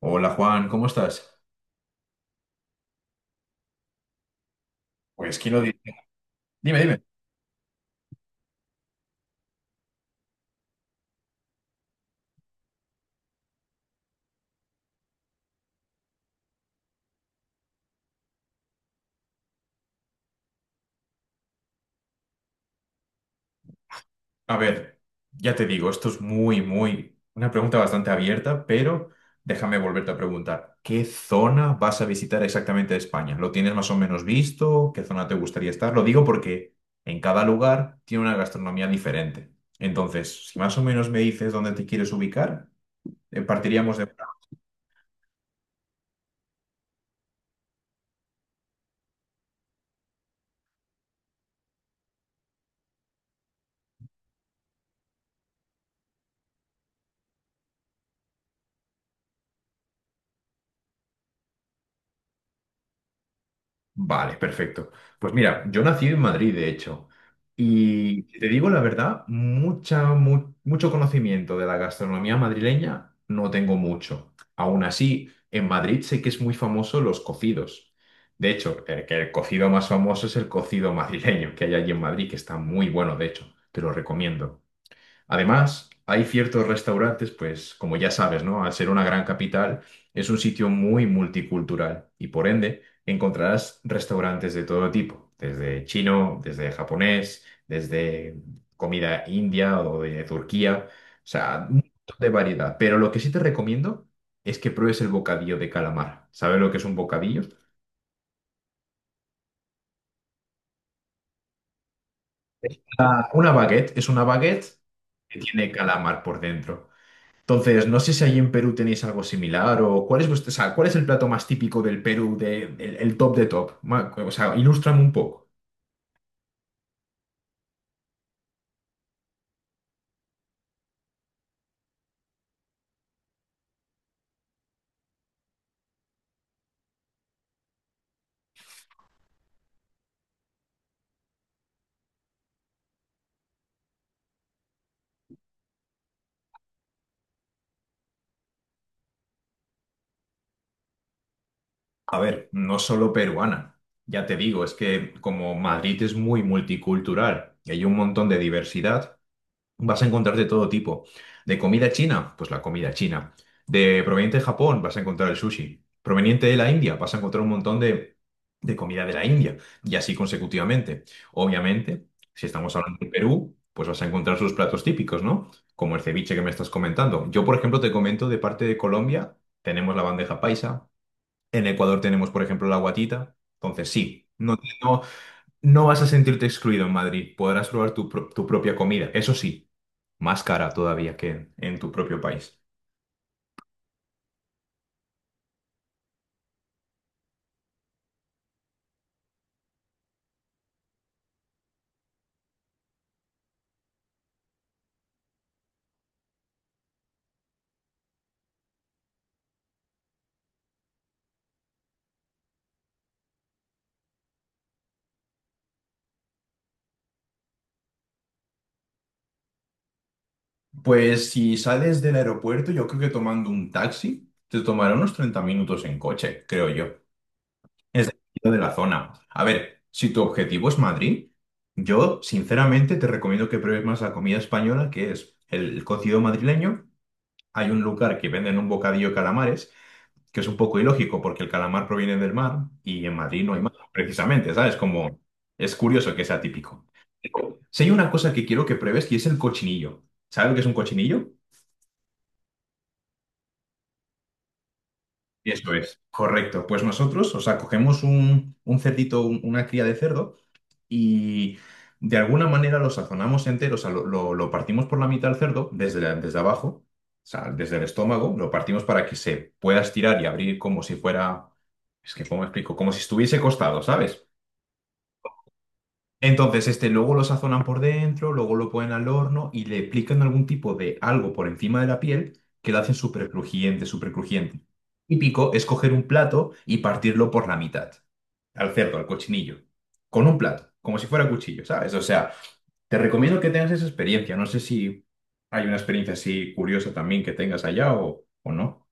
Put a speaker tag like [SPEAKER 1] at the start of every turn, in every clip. [SPEAKER 1] Hola Juan, ¿cómo estás? Pues, ¿quién lo diría? Dime, dime. A ver, ya te digo, esto es una pregunta bastante abierta, pero déjame volverte a preguntar, ¿qué zona vas a visitar exactamente de España? ¿Lo tienes más o menos visto? ¿Qué zona te gustaría estar? Lo digo porque en cada lugar tiene una gastronomía diferente. Entonces, si más o menos me dices dónde te quieres ubicar, partiríamos de... Vale, perfecto. Pues mira, yo nací en Madrid, de hecho, y si te digo la verdad, mucho conocimiento de la gastronomía madrileña no tengo mucho. Aún así, en Madrid sé que es muy famoso los cocidos. De hecho, que el cocido más famoso es el cocido madrileño que hay allí en Madrid, que está muy bueno, de hecho, te lo recomiendo. Además, hay ciertos restaurantes, pues como ya sabes, ¿no? Al ser una gran capital, es un sitio muy multicultural y por ende encontrarás restaurantes de todo tipo, desde chino, desde japonés, desde comida india o de Turquía, o sea, un montón de variedad. Pero lo que sí te recomiendo es que pruebes el bocadillo de calamar. ¿Sabes lo que es un bocadillo? Ah, una baguette es una baguette que tiene calamar por dentro. Entonces, no sé si allí en Perú tenéis algo similar o cuál es vuestro, o sea, cuál es el plato más típico del Perú, el top de top. Ma- O sea, ilústrame un poco. A ver, no solo peruana. Ya te digo, es que como Madrid es muy multicultural y hay un montón de diversidad, vas a encontrar de todo tipo. De comida china, pues la comida china. De proveniente de Japón, vas a encontrar el sushi. Proveniente de la India, vas a encontrar un montón de comida de la India. Y así consecutivamente. Obviamente, si estamos hablando de Perú, pues vas a encontrar sus platos típicos, ¿no? Como el ceviche que me estás comentando. Yo, por ejemplo, te comento de parte de Colombia, tenemos la bandeja paisa. En Ecuador tenemos, por ejemplo, la guatita. Entonces, sí, no, no, no vas a sentirte excluido en Madrid. Podrás probar tu propia comida. Eso sí más cara todavía que en tu propio país. Pues si sales del aeropuerto, yo creo que tomando un taxi te tomará unos 30 minutos en coche, creo yo. Es dependiendo de la zona. A ver, si tu objetivo es Madrid, yo sinceramente te recomiendo que pruebes más la comida española, que es el cocido madrileño. Hay un lugar que venden un bocadillo de calamares que es un poco ilógico porque el calamar proviene del mar y en Madrid no hay mar, precisamente, ¿sabes? Como es curioso que sea típico. Si hay una cosa que quiero que pruebes y es el cochinillo. ¿Sabes lo que es un cochinillo? Eso es. Correcto. Pues nosotros, o sea, cogemos un cerdito, un- una cría de cerdo y de alguna manera lo sazonamos entero, o sea, lo partimos por la mitad del cerdo desde, la- desde abajo. O sea, desde el estómago, lo partimos para que se pueda estirar y abrir como si fuera, es que, ¿cómo explico? Como si estuviese costado, ¿sabes? Entonces, este luego lo sazonan por dentro, luego lo ponen al horno y le aplican algún tipo de algo por encima de la piel que lo hacen súper crujiente, súper crujiente. Típico es coger un plato y partirlo por la mitad, al cerdo, al cochinillo, con un plato, como si fuera cuchillo, ¿sabes? O sea, te recomiendo que tengas esa experiencia. No sé si hay una experiencia así curiosa también que tengas allá o no.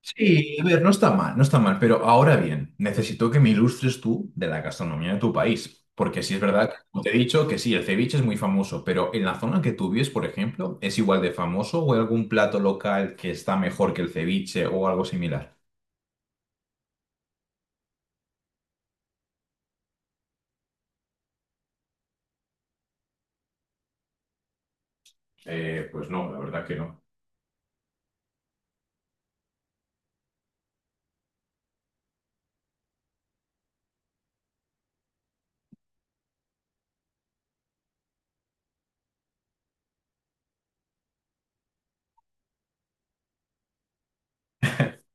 [SPEAKER 1] Sí, a ver, no está mal, no está mal, pero ahora bien, necesito que me ilustres tú de la gastronomía de tu país, porque sí es verdad, como te he dicho, que sí, el ceviche es muy famoso, pero en la zona que tú vives, por ejemplo, ¿es igual de famoso o hay algún plato local que está mejor que el ceviche o algo similar? Pues no, la verdad que no.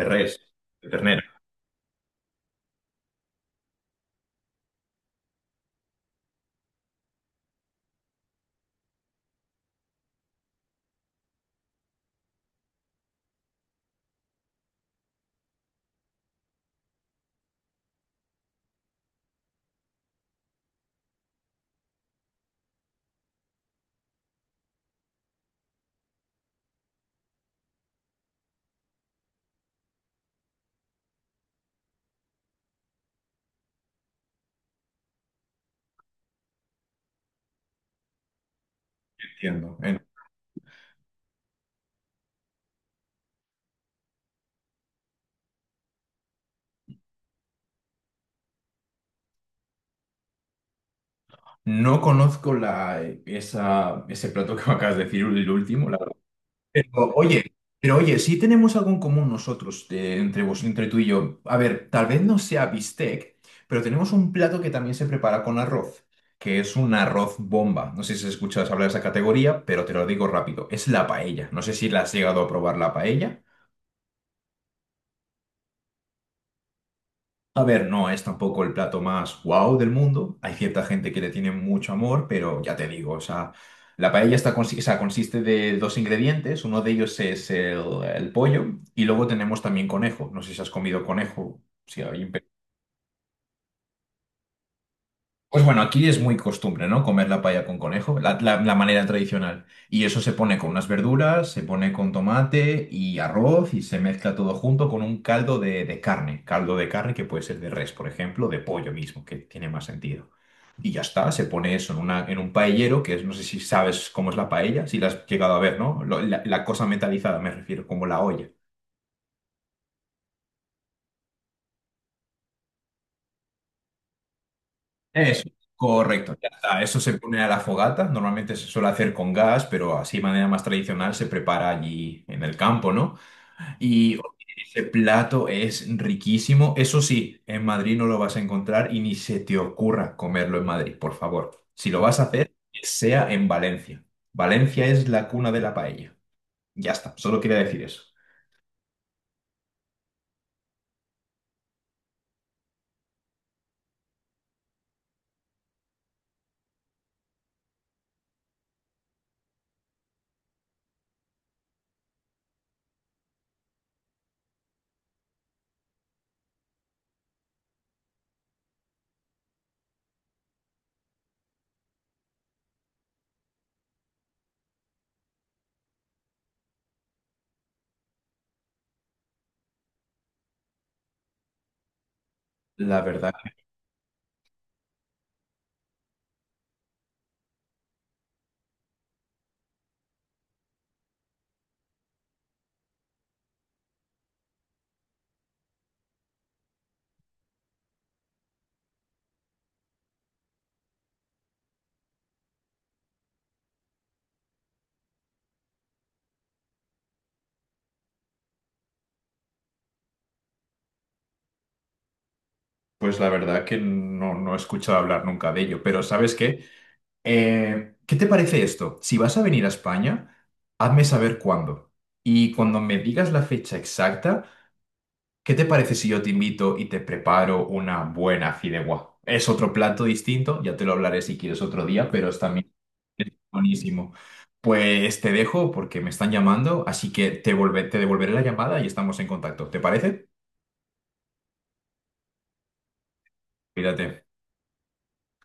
[SPEAKER 1] De res, de ternera, entiendo. No conozco la, esa, ese plato que me acabas de decir, el último, pero oye, pero oye, sí tenemos algo en común nosotros, entre vos, entre tú y yo. A ver, tal vez no sea bistec, pero tenemos un plato que también se prepara con arroz, que es un arroz bomba. No sé si escuchas hablar de esa categoría, pero te lo digo rápido. Es la paella. No sé si la has llegado a probar la paella. A ver, no es tampoco el plato más guau del mundo. Hay cierta gente que le tiene mucho amor, pero ya te digo, o sea, la paella está consi- o sea, consiste de dos ingredientes. Uno de ellos es el pollo y luego tenemos también conejo. No sé si has comido conejo, si hay pues bueno, aquí es muy costumbre, ¿no? Comer la paella con conejo, la manera tradicional. Y eso se pone con unas verduras, se pone con tomate y arroz y se mezcla todo junto con un caldo de carne. Caldo de carne que puede ser de res, por ejemplo, de pollo mismo, que tiene más sentido. Y ya está, se pone eso en, una, en un paellero, que es, no sé si sabes cómo es la paella, si la has llegado a ver, ¿no? Lo- la cosa metalizada, me refiero, como la olla. Eso, correcto, ya está. Eso se pone a la fogata, normalmente se suele hacer con gas, pero así de manera más tradicional se prepara allí en el campo, ¿no? Y ese plato es riquísimo. Eso sí, en Madrid no lo vas a encontrar y ni se te ocurra comerlo en Madrid, por favor. Si lo vas a hacer, que sea en Valencia. Valencia es la cuna de la paella. Ya está, solo quería decir eso. La verdad, pues la verdad que no, no he escuchado hablar nunca de ello, pero ¿sabes qué? ¿Qué te parece esto? Si vas a venir a España, hazme saber cuándo. Y cuando me digas la fecha exacta, ¿qué te parece si yo te invito y te preparo una buena fideuá? Es otro plato distinto, ya te lo hablaré si quieres otro día, pero es también buenísimo. Pues te dejo porque me están llamando, así que te volve- te devolveré la llamada y estamos en contacto. ¿Te parece? Cuídate.